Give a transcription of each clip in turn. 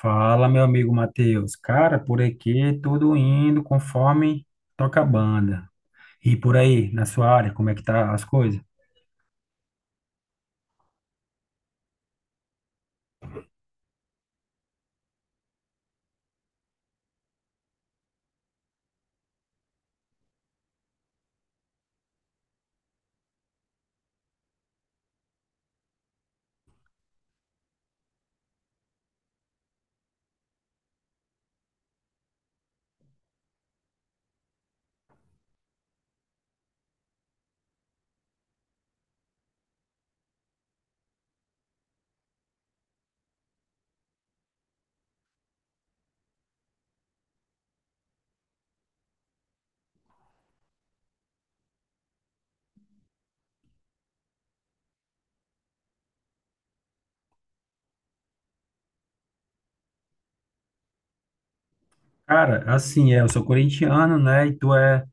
Fala, meu amigo Matheus. Cara, por aqui tudo indo conforme toca a banda. E por aí, na sua área, como é que tá as coisas? Cara, assim, eu sou corintiano, né? E tu é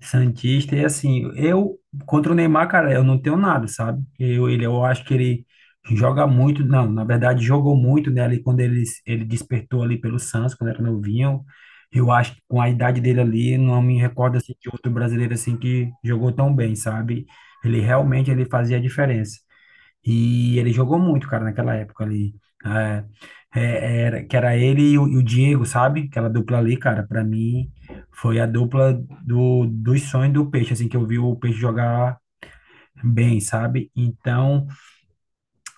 Santista, e assim, eu contra o Neymar, cara, eu não tenho nada, sabe? Eu, ele, eu acho que ele joga muito, não, na verdade jogou muito, né, ali quando ele despertou ali pelo Santos, quando era novinho. Eu acho que com a idade dele ali, não me recordo assim, de outro brasileiro assim que jogou tão bem, sabe? Ele realmente ele fazia a diferença. E ele jogou muito, cara, naquela época ali, né? Que era ele e o Diego, sabe? Aquela dupla ali, cara, pra mim foi a dupla dos sonhos do Peixe, assim, que eu vi o Peixe jogar bem, sabe? Então,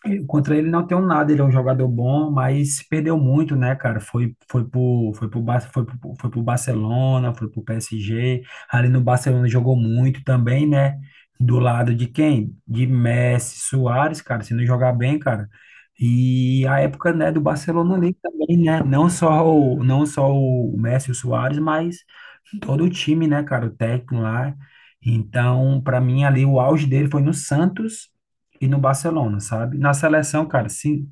contra ele não tenho nada, ele é um jogador bom, mas se perdeu muito, né, cara? Foi pro Barcelona, foi pro PSG. Ali no Barcelona jogou muito também, né? Do lado de quem? De Messi, Suárez, cara, se não jogar bem, cara. E a época, né, do Barcelona ali também, né? Não só o Messi e o Suárez, mas todo o time, né, cara, o técnico lá. Então, para mim ali o auge dele foi no Santos e no Barcelona, sabe? Na seleção, cara,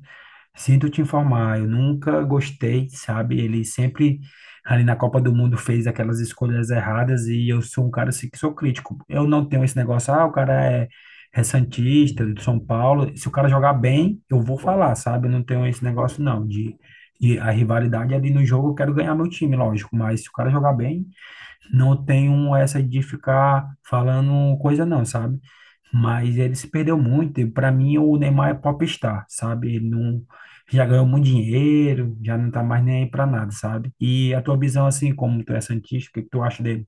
sinto te informar, eu nunca gostei, sabe? Ele sempre ali na Copa do Mundo fez aquelas escolhas erradas e eu sou um cara assim, que sou crítico. Eu não tenho esse negócio, ah, o cara é é Santista, do São Paulo. Se o cara jogar bem, eu vou falar, sabe? Eu não tenho esse negócio, não, de a rivalidade ali no jogo, eu quero ganhar meu time, lógico. Mas se o cara jogar bem, não tenho essa de ficar falando coisa não, sabe? Mas ele se perdeu muito. E para mim, o Neymar é popstar, sabe? Ele não Já ganhou muito dinheiro, já não tá mais nem aí para nada, sabe? E a tua visão, assim, como tu é santista, o que que tu acha dele?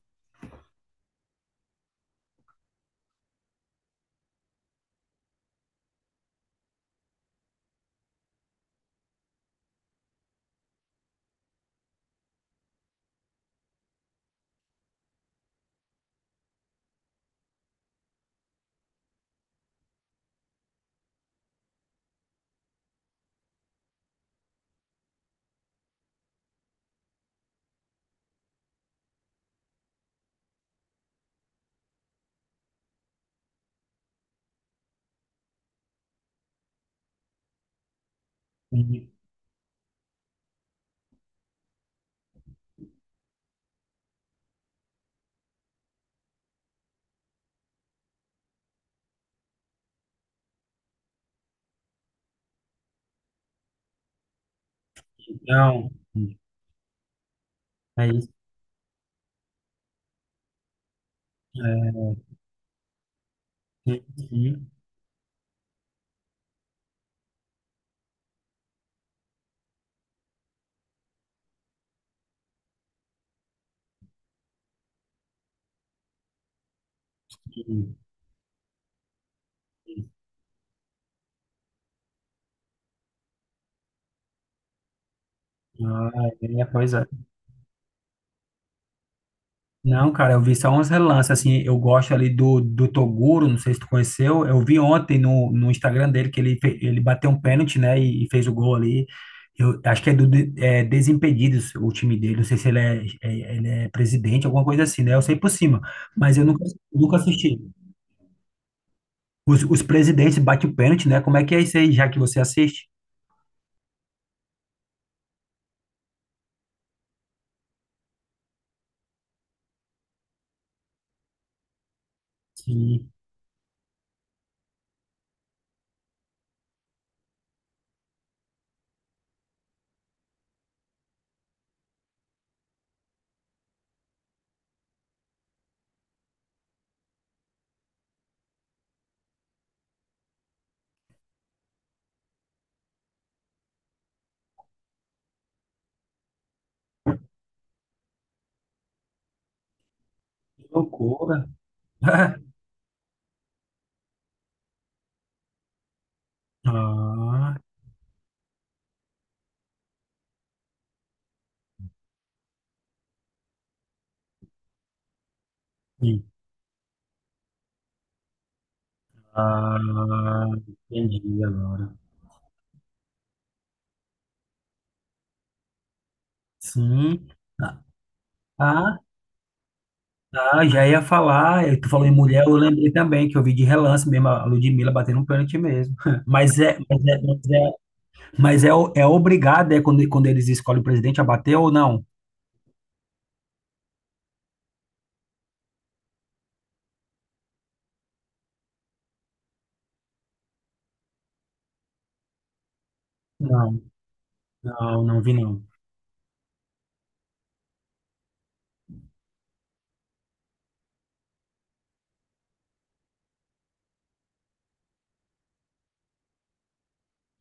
Não, é isso. É, sim, sim, sim. Ah, é, pois é. Não, cara, eu vi só uns relances, assim, eu gosto ali do Toguro, não sei se tu conheceu, eu vi ontem no Instagram dele que ele bateu um pênalti, né, e fez o gol ali, eu acho que é Desimpedidos o time dele, não sei se ele é, ele é presidente, alguma coisa assim, né, eu sei por cima, mas eu nunca, nunca assisti. Os presidentes batem o pênalti, né, como é que é isso aí, já que você assiste? Sim, que loucura. Ah, sim. Ah, entendi agora. Sim. Ah, tá, já ia falar, tu falou em mulher, eu lembrei também que eu vi de relance mesmo a Ludmilla batendo um pênalti mesmo. Mas é, mas é, mas é, o- é obrigado, é quando eles escolhem o presidente a bater ou não? Não, não, não vi não.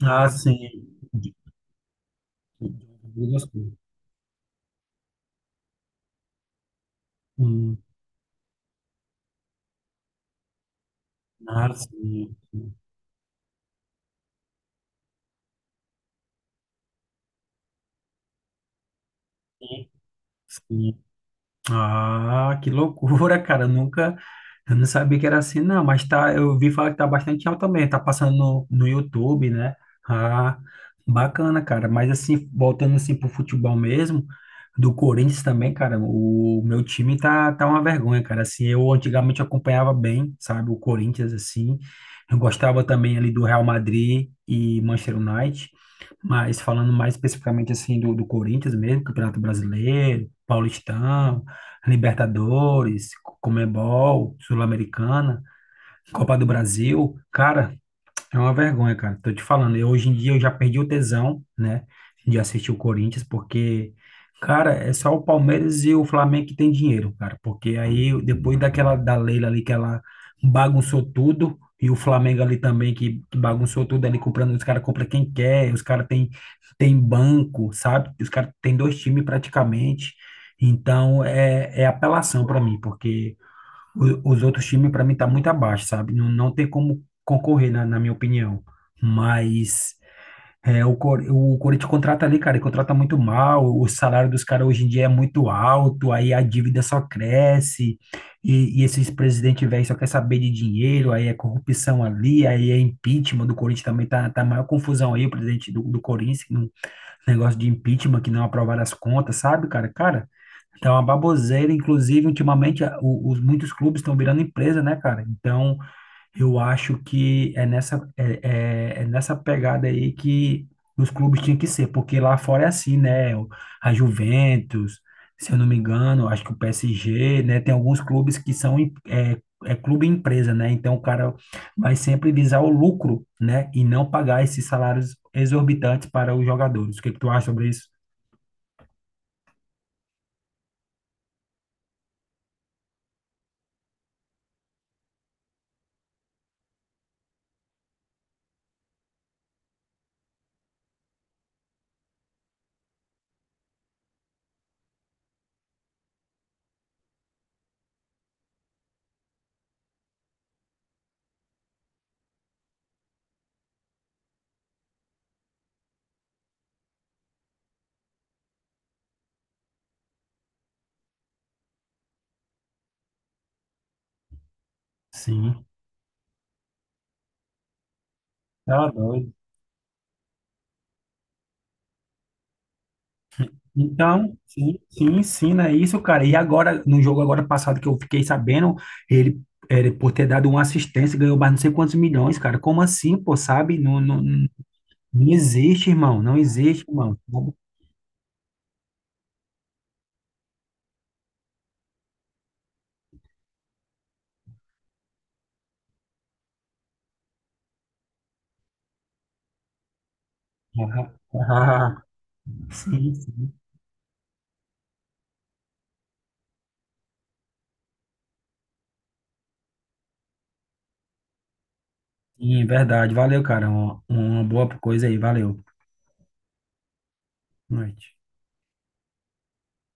Ah, sim. De- de- de- de- de- de- Hum, ah, sim. Sim, sim. Ah, que loucura, cara. Eu nunca, eu não sabia que era assim, não. Mas tá, eu ouvi falar que tá bastante alto também. Tá passando no YouTube, né? Ah, bacana, cara. Mas assim, voltando assim pro futebol mesmo, do Corinthians também, cara. O meu time tá uma vergonha, cara. Assim, eu antigamente acompanhava bem, sabe? O Corinthians, assim. Eu gostava também ali do Real Madrid e Manchester United. Mas falando mais especificamente assim do Corinthians mesmo, Campeonato Brasileiro, Paulistão, Libertadores, Comebol, Sul-Americana, Copa do Brasil. Cara, é uma vergonha, cara. Tô te falando, eu hoje em dia eu já perdi o tesão, né, de assistir o Corinthians, porque, cara, é só o Palmeiras e o Flamengo que tem dinheiro, cara. Porque aí, depois daquela da Leila ali, que ela bagunçou tudo, e o Flamengo ali também, que bagunçou tudo ali, comprando, os caras compram quem quer, os caras tem, tem banco, sabe? Os caras têm dois times praticamente. Então, é, é apelação para mim, porque os outros times, para mim, tá muito abaixo, sabe? Não, não tem como concorrer, na minha opinião. Mas é, o Corinthians contrata ali, cara, e contrata muito mal. O salário dos caras hoje em dia é muito alto, aí a dívida só cresce. E esses presidentes velhos só quer saber de dinheiro, aí é corrupção ali, aí é impeachment do Corinthians também. Tá a maior confusão aí, o presidente do Corinthians, no negócio de impeachment, que não aprovaram as contas, sabe, cara? Cara, é uma baboseira, inclusive, ultimamente, os, muitos clubes estão virando empresa, né, cara? Então, eu acho que é nessa, é nessa pegada aí que os clubes tinham que ser, porque lá fora é assim, né? A Juventus, se eu não me engano, acho que o PSG, né? Tem alguns clubes que são, é clube empresa, né? Então, o cara vai sempre visar o lucro, né? E não pagar esses salários exorbitantes para os jogadores. O que que tu acha sobre isso? Sim, tá doido. Então, sim, sim, ensina isso, cara. E agora, no jogo agora passado que eu fiquei sabendo, ele, ele por ter dado uma assistência, ganhou mais não sei quantos milhões, cara. Como assim, pô, sabe? Não, não, não existe, irmão. Não existe, irmão. Sim, sim. Sim, verdade. Valeu, cara. Uma boa coisa aí. Valeu. Boa noite.